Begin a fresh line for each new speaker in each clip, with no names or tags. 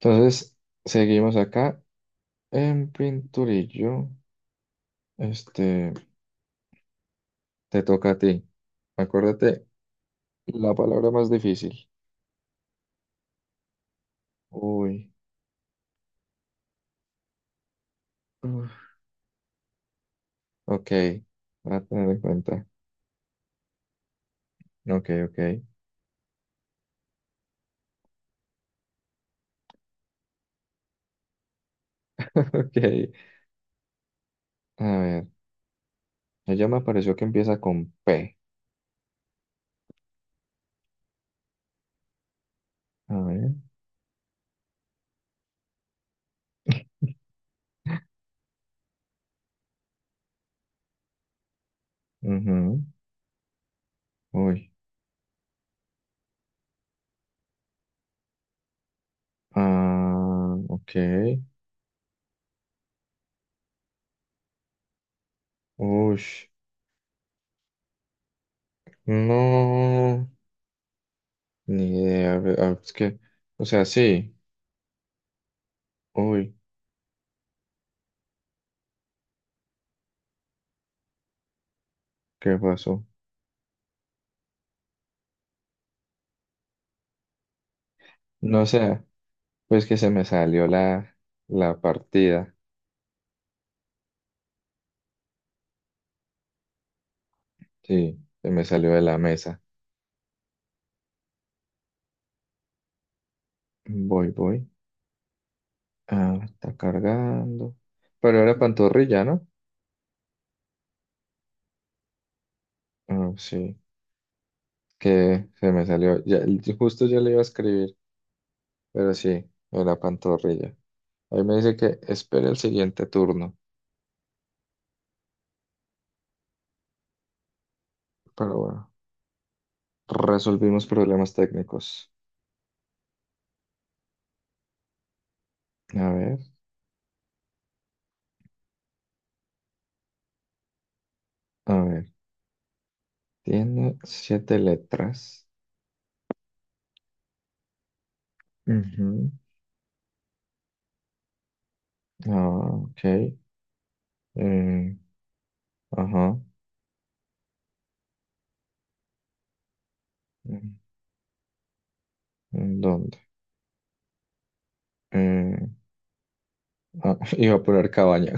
Entonces, seguimos acá en Pinturillo. Este, te toca a ti. Acuérdate, la palabra más difícil. Uy, uf, ok, voy a tener en cuenta. Ok, ok, ok. A ver, ella me pareció que empieza con P. A ver, ujú, uy, ah, ok. Uy, no, ni idea. A ver, ah, es que, o sea, sí. Uy, ¿qué pasó? No sé. Pues que se me salió la partida. Sí, se me salió de la mesa. Voy. Ah, está cargando. Pero era pantorrilla, ¿no? Ah, sí, que se me salió. Ya, justo yo le iba a escribir, pero sí, era pantorrilla. Ahí me dice que espere el siguiente turno. Pero bueno, resolvimos problemas técnicos. A ver, a ver. Tiene siete letras. Ujú. Ah, ok. Eh, ajá. ¿En ¿Dónde? Eh, iba a poner cabaña.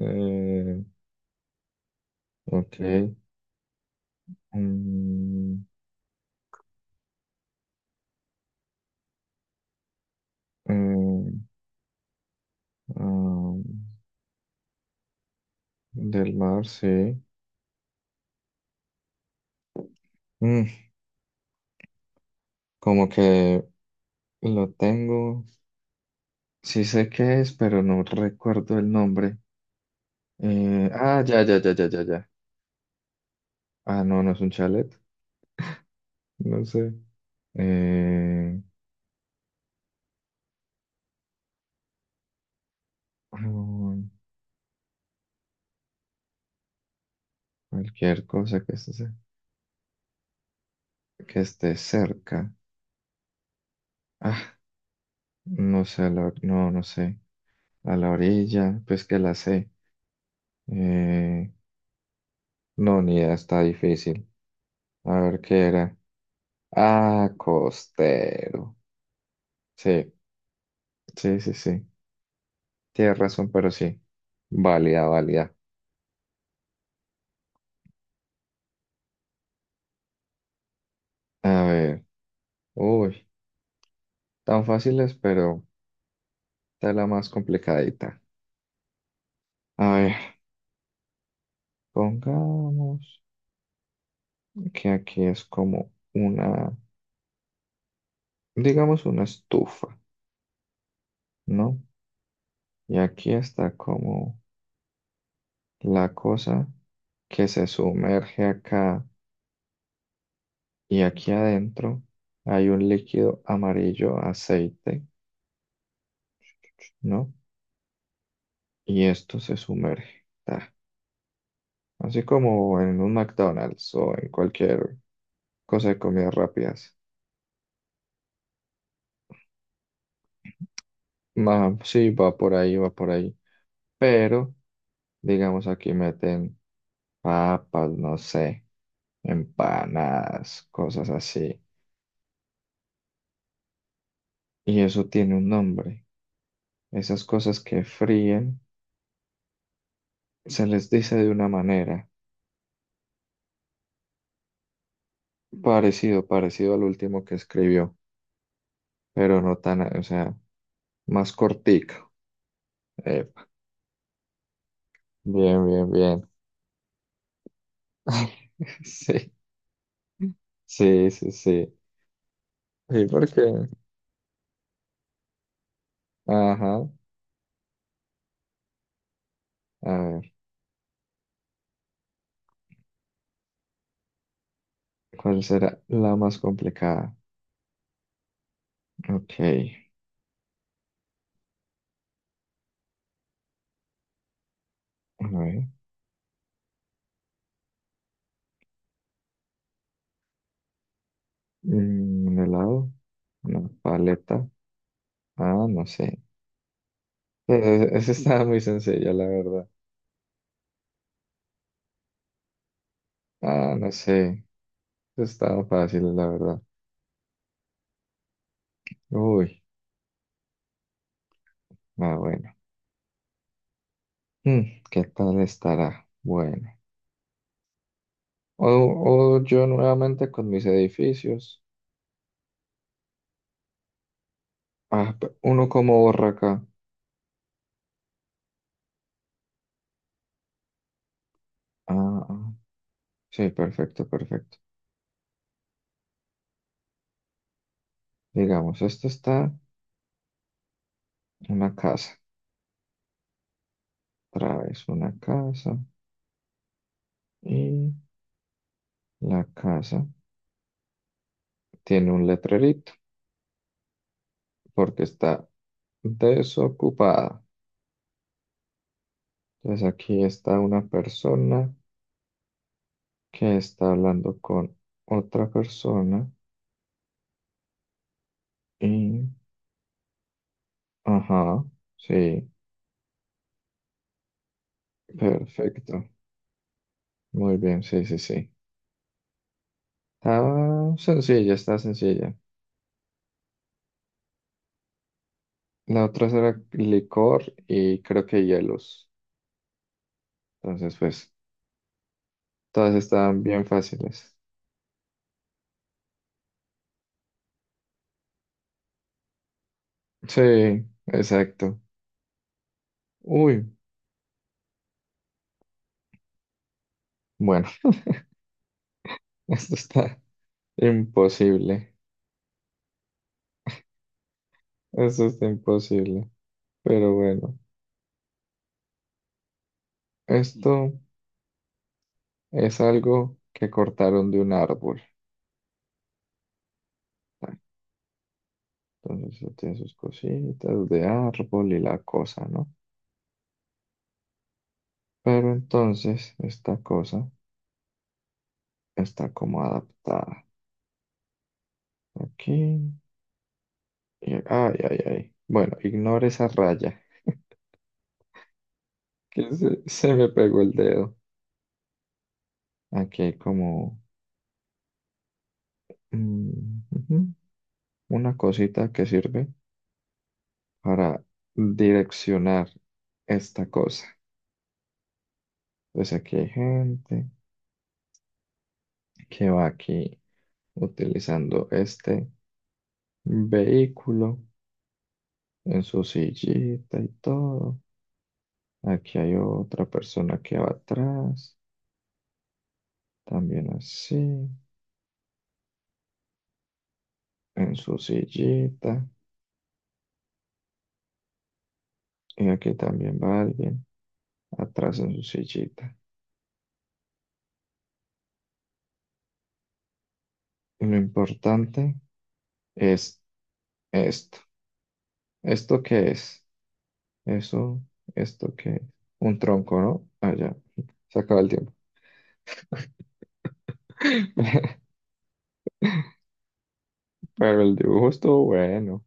Eh, ok. Mm, eh, ah, del mar, sí. Mm, como que lo tengo. Sí sé qué es, pero no recuerdo el nombre. Ya, ya, ya, ya, ya, ya. Ah, no, no es un chalet. No sé. Eh, ah, cualquier cosa que esté cerca. Ah, no sé, no, no sé. A la orilla, pues que la sé. Eh, no, ni idea, está difícil. A ver qué era. Ah, costero. Sí, sí, sí, sí. Tienes razón, pero sí. Válida, válida. A ver. Uy, tan fáciles, pero está la más complicadita. A ver, pongamos que aquí es como una, digamos una estufa, ¿no? Y aquí está como la cosa que se sumerge acá, y aquí adentro hay un líquido amarillo, aceite, ¿no? Y esto se sumerge. Ta. Así como en un McDonald's o en cualquier cosa de comidas rápidas. Sí, va por ahí, va por ahí. Pero, digamos, aquí meten papas, no sé, empanadas, cosas así. Y eso tiene un nombre. Esas cosas que fríen se les dice de una manera. Parecido, parecido al último que escribió, pero no tan, o sea, más cortico. Epa, bien, bien, bien. Sí, sí, sí, sí. Sí, ajá, a ver, ¿cuál será la más complicada? Ok, a ver, un helado, una paleta, ah, no sé. Esa estaba muy sencilla, la verdad. Ah, no sé, esa estaba fácil, la verdad. Uy, bueno. Mm, ¿qué tal estará? Bueno. O, o yo nuevamente con mis edificios. Ah, uno como Borracá. Ah, ah, sí, perfecto, perfecto. Digamos, esto está una casa. Otra vez una casa. Y la casa tiene un letrerito porque está desocupada. Entonces aquí está una persona que está hablando con otra persona. Y, ajá, sí, perfecto. Muy bien, sí, sí, sí. Estaba sencilla, está sencilla. La otra era licor y creo que hielos. Entonces, pues, todas estaban bien fáciles. Sí, exacto. Uy, bueno, esto está imposible. Esto está imposible. Pero bueno, esto es algo que cortaron de un árbol. Ah, entonces, eso tiene sus cositas de árbol y la cosa, ¿no? Pero entonces, esta cosa está como adaptada aquí. Y- ay, ay, ay. Bueno, ignore esa raya. Que se me pegó el dedo. Aquí hay como mm, ujú, una cosita que sirve para direccionar esta cosa. Pues aquí hay gente que va aquí utilizando este vehículo en su sillita y todo. Aquí hay otra persona que va atrás. También así, en su sillita, y aquí también va alguien atrás en su sillita. Y lo importante es esto. ¿Esto qué es? Eso, ¿esto qué es? Un tronco, ¿no? Ah, ya, se acaba el tiempo. Pero el dibujo estuvo bueno,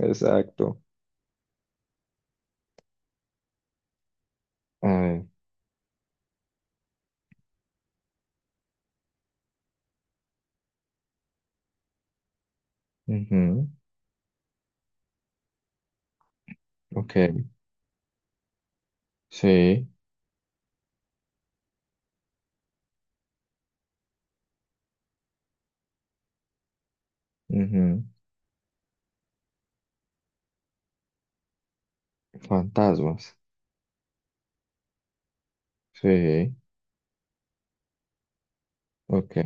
exacto. A ver, ujú, ok, sí, ujú. Fantasmas, sí, ok.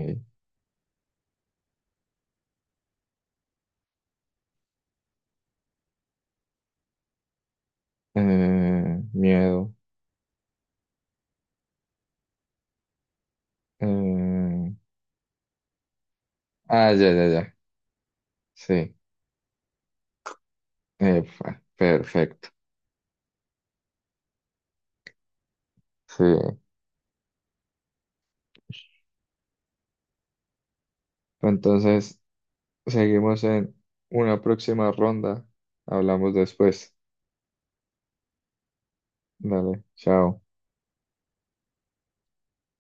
Miedo. eh, Ah, ya, ya, ya. Sí, epa, perfecto. Sí. Entonces, seguimos en una próxima ronda. Hablamos después. Dale, chao.